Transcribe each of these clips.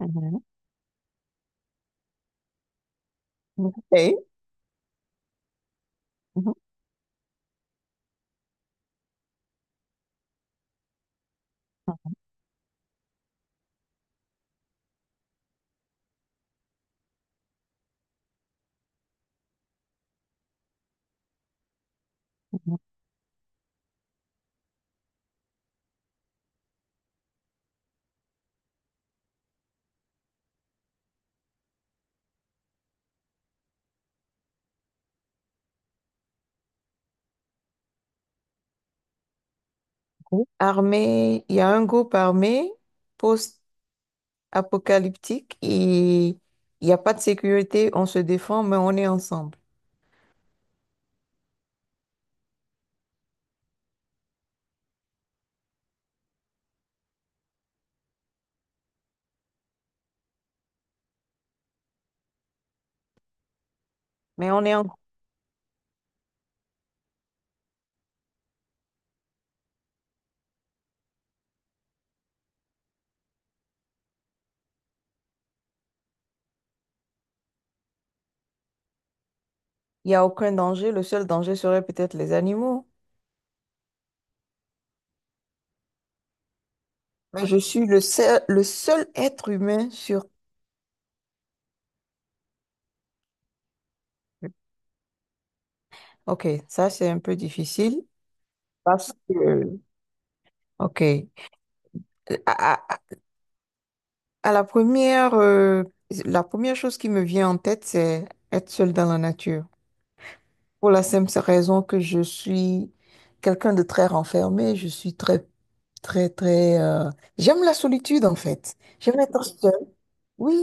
Mhm. Ok. Mhm. Mhm. Armée, il y a un groupe armé post-apocalyptique et il n'y a pas de sécurité, on se défend, mais on est ensemble. Mais on est en... Il n'y a aucun danger, le seul danger serait peut-être les animaux. Mais je suis le seul être humain sur... Ok, ça c'est un peu difficile. Parce que, ok. À, à- à la première, euh, la première chose qui me vient en tête, c'est être seule dans la nature. Pour la simple raison que je suis quelqu'un de très renfermé, je suis très, très, très... J'aime la solitude, en fait. J'aime être seule. Oui.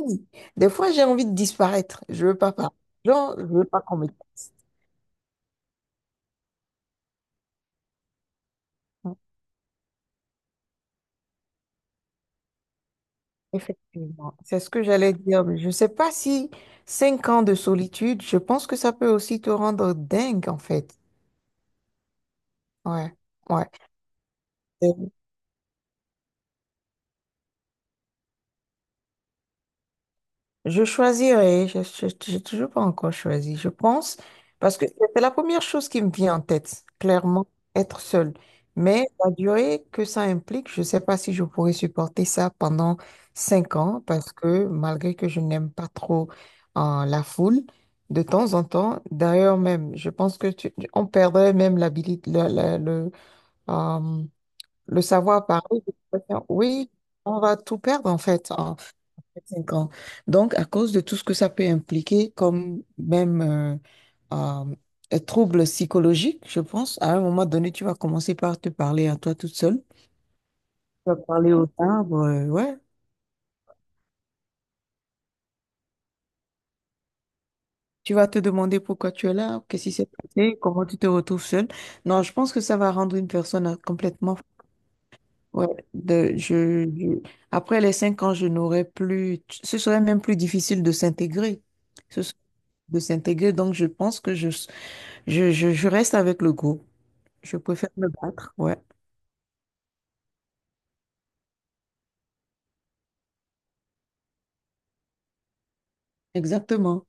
Des fois, j'ai envie de disparaître. Je veux pas parler aux gens, je veux pas qu'on me teste. Effectivement, c'est ce que j'allais dire, mais je ne sais pas si 5 ans de solitude, je pense que ça peut aussi te rendre dingue, en fait. Ouais, ouais. Euh, Je choisirais, je n'ai toujours pas encore choisi, je pense, parce que c'est la première chose qui me vient en tête, clairement, être seule. Mais la durée que ça implique, je ne sais pas si je pourrais supporter ça pendant 5 ans, parce que malgré que je n'aime pas trop la foule, de temps en temps, d'ailleurs même, je pense que on perdrait même l'habilité, le, le euh, le savoir parler. Oui, on va tout perdre en fait, hein. 5 ans. Donc, à cause de tout ce que ça peut impliquer, comme même euh, un trouble psychologique, je pense, à un moment donné, tu vas commencer par te parler à toi toute seule. Tu vas parler aux arbres, ouais. Tu vas te demander pourquoi tu es là, qu'est-ce qui s'est passé, comment tu te retrouves seule. Non, je pense que ça va rendre une personne complètement... Ouais, de, je, je- après les 5 ans, je n'aurais plus... Ce serait même plus difficile de s'intégrer. Ce serait de s'intégrer. Donc, je pense que je reste avec le go. Je préfère me battre. Ouais, exactement.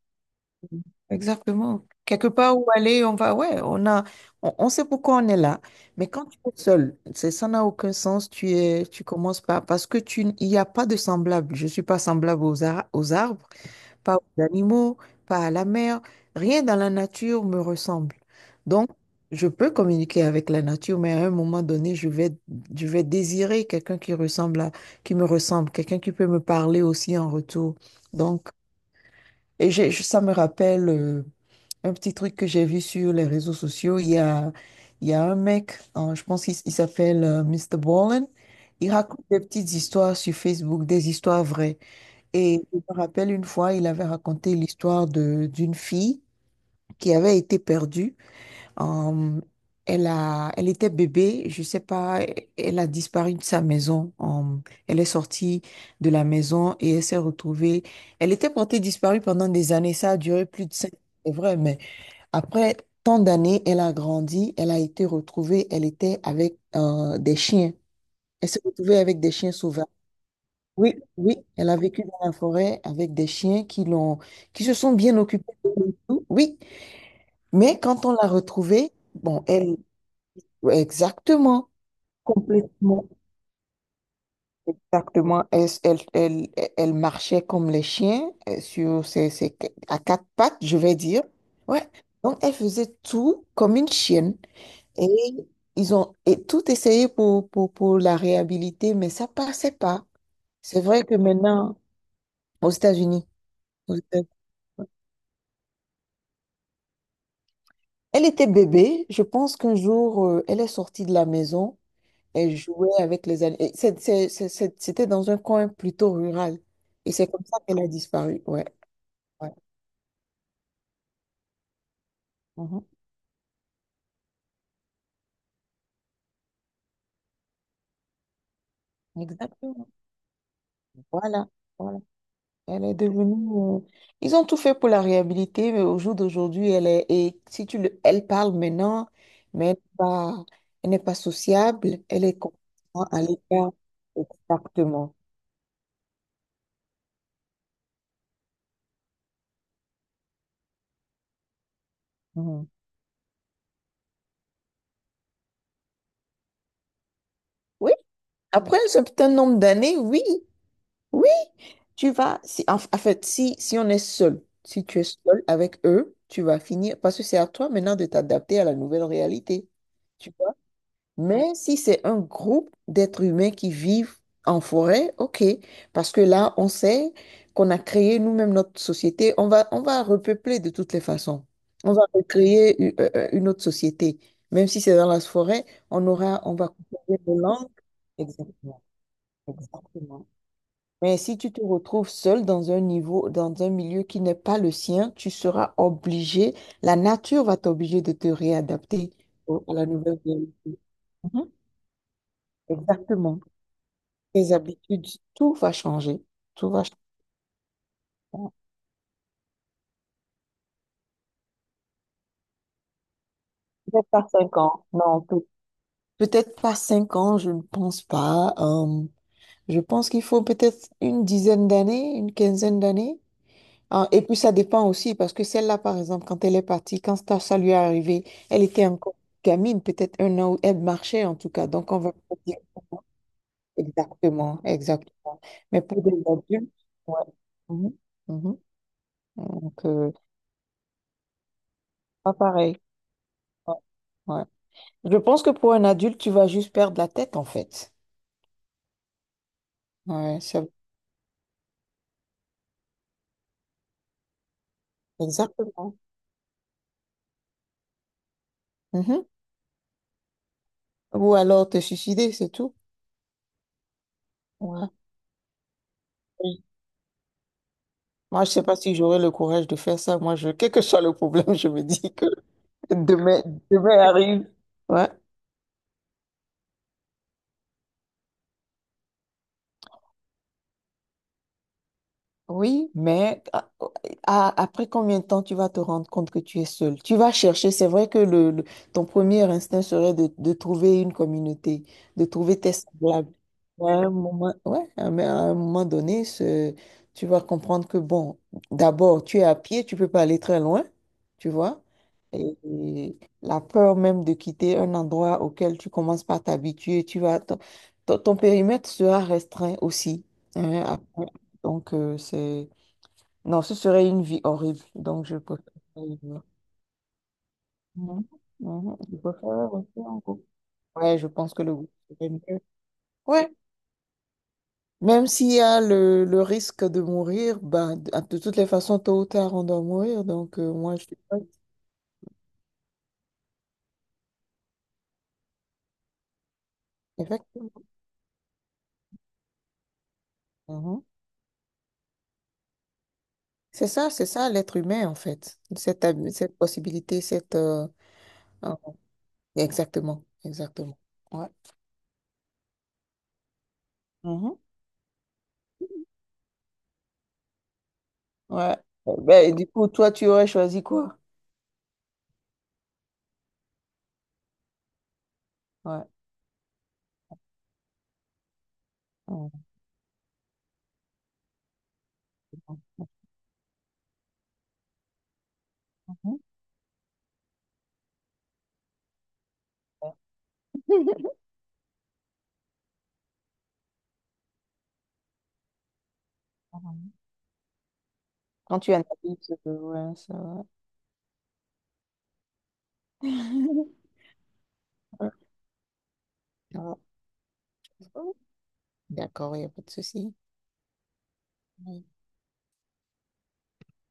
Exactement. Quelque part où aller, on va, ouais, on sait pourquoi on est là. Mais quand tu es seul, ça n'a aucun sens. Tu commences pas parce que il n'y a pas de semblable. Je suis pas semblable aux arbres, pas aux animaux, pas à la mer, rien dans la nature me ressemble. Donc, je peux communiquer avec la nature, mais à un moment donné, je vais désirer quelqu'un qui me ressemble, quelqu'un qui peut me parler aussi en retour. Donc, et ça me rappelle un petit truc que j'ai vu sur les réseaux sociaux. Il y a un mec, hein, je pense il s'appelle Mr. Ballin. Il raconte des petites histoires sur Facebook, des histoires vraies. Et je me rappelle une fois, il avait raconté l'histoire de d'une fille qui avait été perdue. Euh, Elle était bébé, je sais pas, elle a disparu de sa maison. Elle est sortie de la maison et elle s'est retrouvée. Elle était portée disparue pendant des années. Ça a duré plus de cinq, c'est vrai, mais après tant d'années, elle a grandi, elle a été retrouvée. Elle était avec des chiens. Elle s'est retrouvée avec des chiens sauvages. Oui, oui, elle a vécu dans la forêt avec des chiens qui se sont bien occupés de tout. Oui, mais quand on l'a retrouvée, bon, elle, exactement, complètement, exactement, elle marchait comme les chiens, sur ses, ses à quatre pattes, je vais dire. Ouais. Donc, elle faisait tout comme une chienne. Et ils ont et tout essayé pour la réhabiliter, mais ça passait pas. C'est vrai que maintenant, aux États-Unis. Elle était bébé. Je pense qu'un jour, elle est sortie de la maison. Elle jouait avec les animaux. C'était dans un coin plutôt rural. Et c'est comme ça qu'elle a disparu. Ouais, ouais. Mhm. Exactement. Voilà. Voilà. Elle est devenue... Ils ont tout fait pour la réhabiliter, mais au jour d'aujourd'hui, elle est... Et si tu le... Elle parle maintenant, mais elle n'est pas... sociable. Elle est complètement à l'écart. Exactement. Mhm. Oui. Après un certain nombre d'années, oui. Oui. Si, En fait, si on est seul, si tu es seul avec eux, tu vas finir, parce que c'est à toi maintenant de t'adapter à la nouvelle réalité. Tu vois? Mais si c'est un groupe d'êtres humains qui vivent en forêt, ok, parce que là, on sait qu'on a créé nous-mêmes notre société, on va repeupler de toutes les façons. On va recréer une autre société. Même si c'est dans la forêt, on va couper nos langues. Exactement. Exactement. Mais si tu te retrouves seul dans un milieu qui n'est pas le sien, tu seras obligé, la nature va t'obliger de te réadapter à la nouvelle réalité. Mhm. Exactement. Tes habitudes, tout va changer. Tout va changer. Peut-être pas 5 ans. Non, peut-être pas 5 ans, je ne pense pas. Je pense qu'il faut peut-être une dizaine d'années, une quinzaine d'années. Ah, et puis ça dépend aussi, parce que celle-là, par exemple, quand elle est partie, quand ça lui est arrivé, elle était encore gamine, peut-être 1 an, où elle marchait en tout cas. Donc on va pas dire exactement, exactement. Mais pour des adultes, ouais. Mhm, mhm. Donc, pas pareil. Ouais, ouais. Je pense que pour un adulte, tu vas juste perdre la tête, en fait. Ouais, exactement. Mhm. Ou alors te suicider, c'est tout. Ouais. Oui. Moi, je sais pas si j'aurais le courage de faire ça. Quel que soit le problème, je me dis que Demain, demain arrive. Ouais. Oui, mais après combien de temps tu vas te rendre compte que tu es seul? Tu vas chercher, c'est vrai que ton premier instinct serait de trouver une communauté, de trouver tes semblables. Mais à un moment, ouais, à un moment donné, tu vas comprendre que, bon, d'abord, tu es à pied, tu peux pas aller très loin, tu vois. Et la peur même de quitter un endroit auquel tu commences par t'habituer, ton périmètre sera restreint aussi, hein, donc, c'est... Non, ce serait une vie horrible. Donc, je préfère... Mhm. Mhm. Je préfère rester en couple. Ouais, je pense que le groupe serait mieux. Ouais. Même s'il y a le risque de mourir, ben, de toutes les façons, tôt ou tard, on doit mourir. Donc, moi, je... suis pas... Effectivement. Mhm. C'est ça l'être humain, en fait. Cette possibilité, cette... ah, exactement, exactement. Ouais. Mhm. Ouais. Eh ben, du coup, toi, tu aurais choisi quoi? Ouais. Mhm. Quand tu analyses, ouais, ça va. D'accord, il n'y a pas de souci.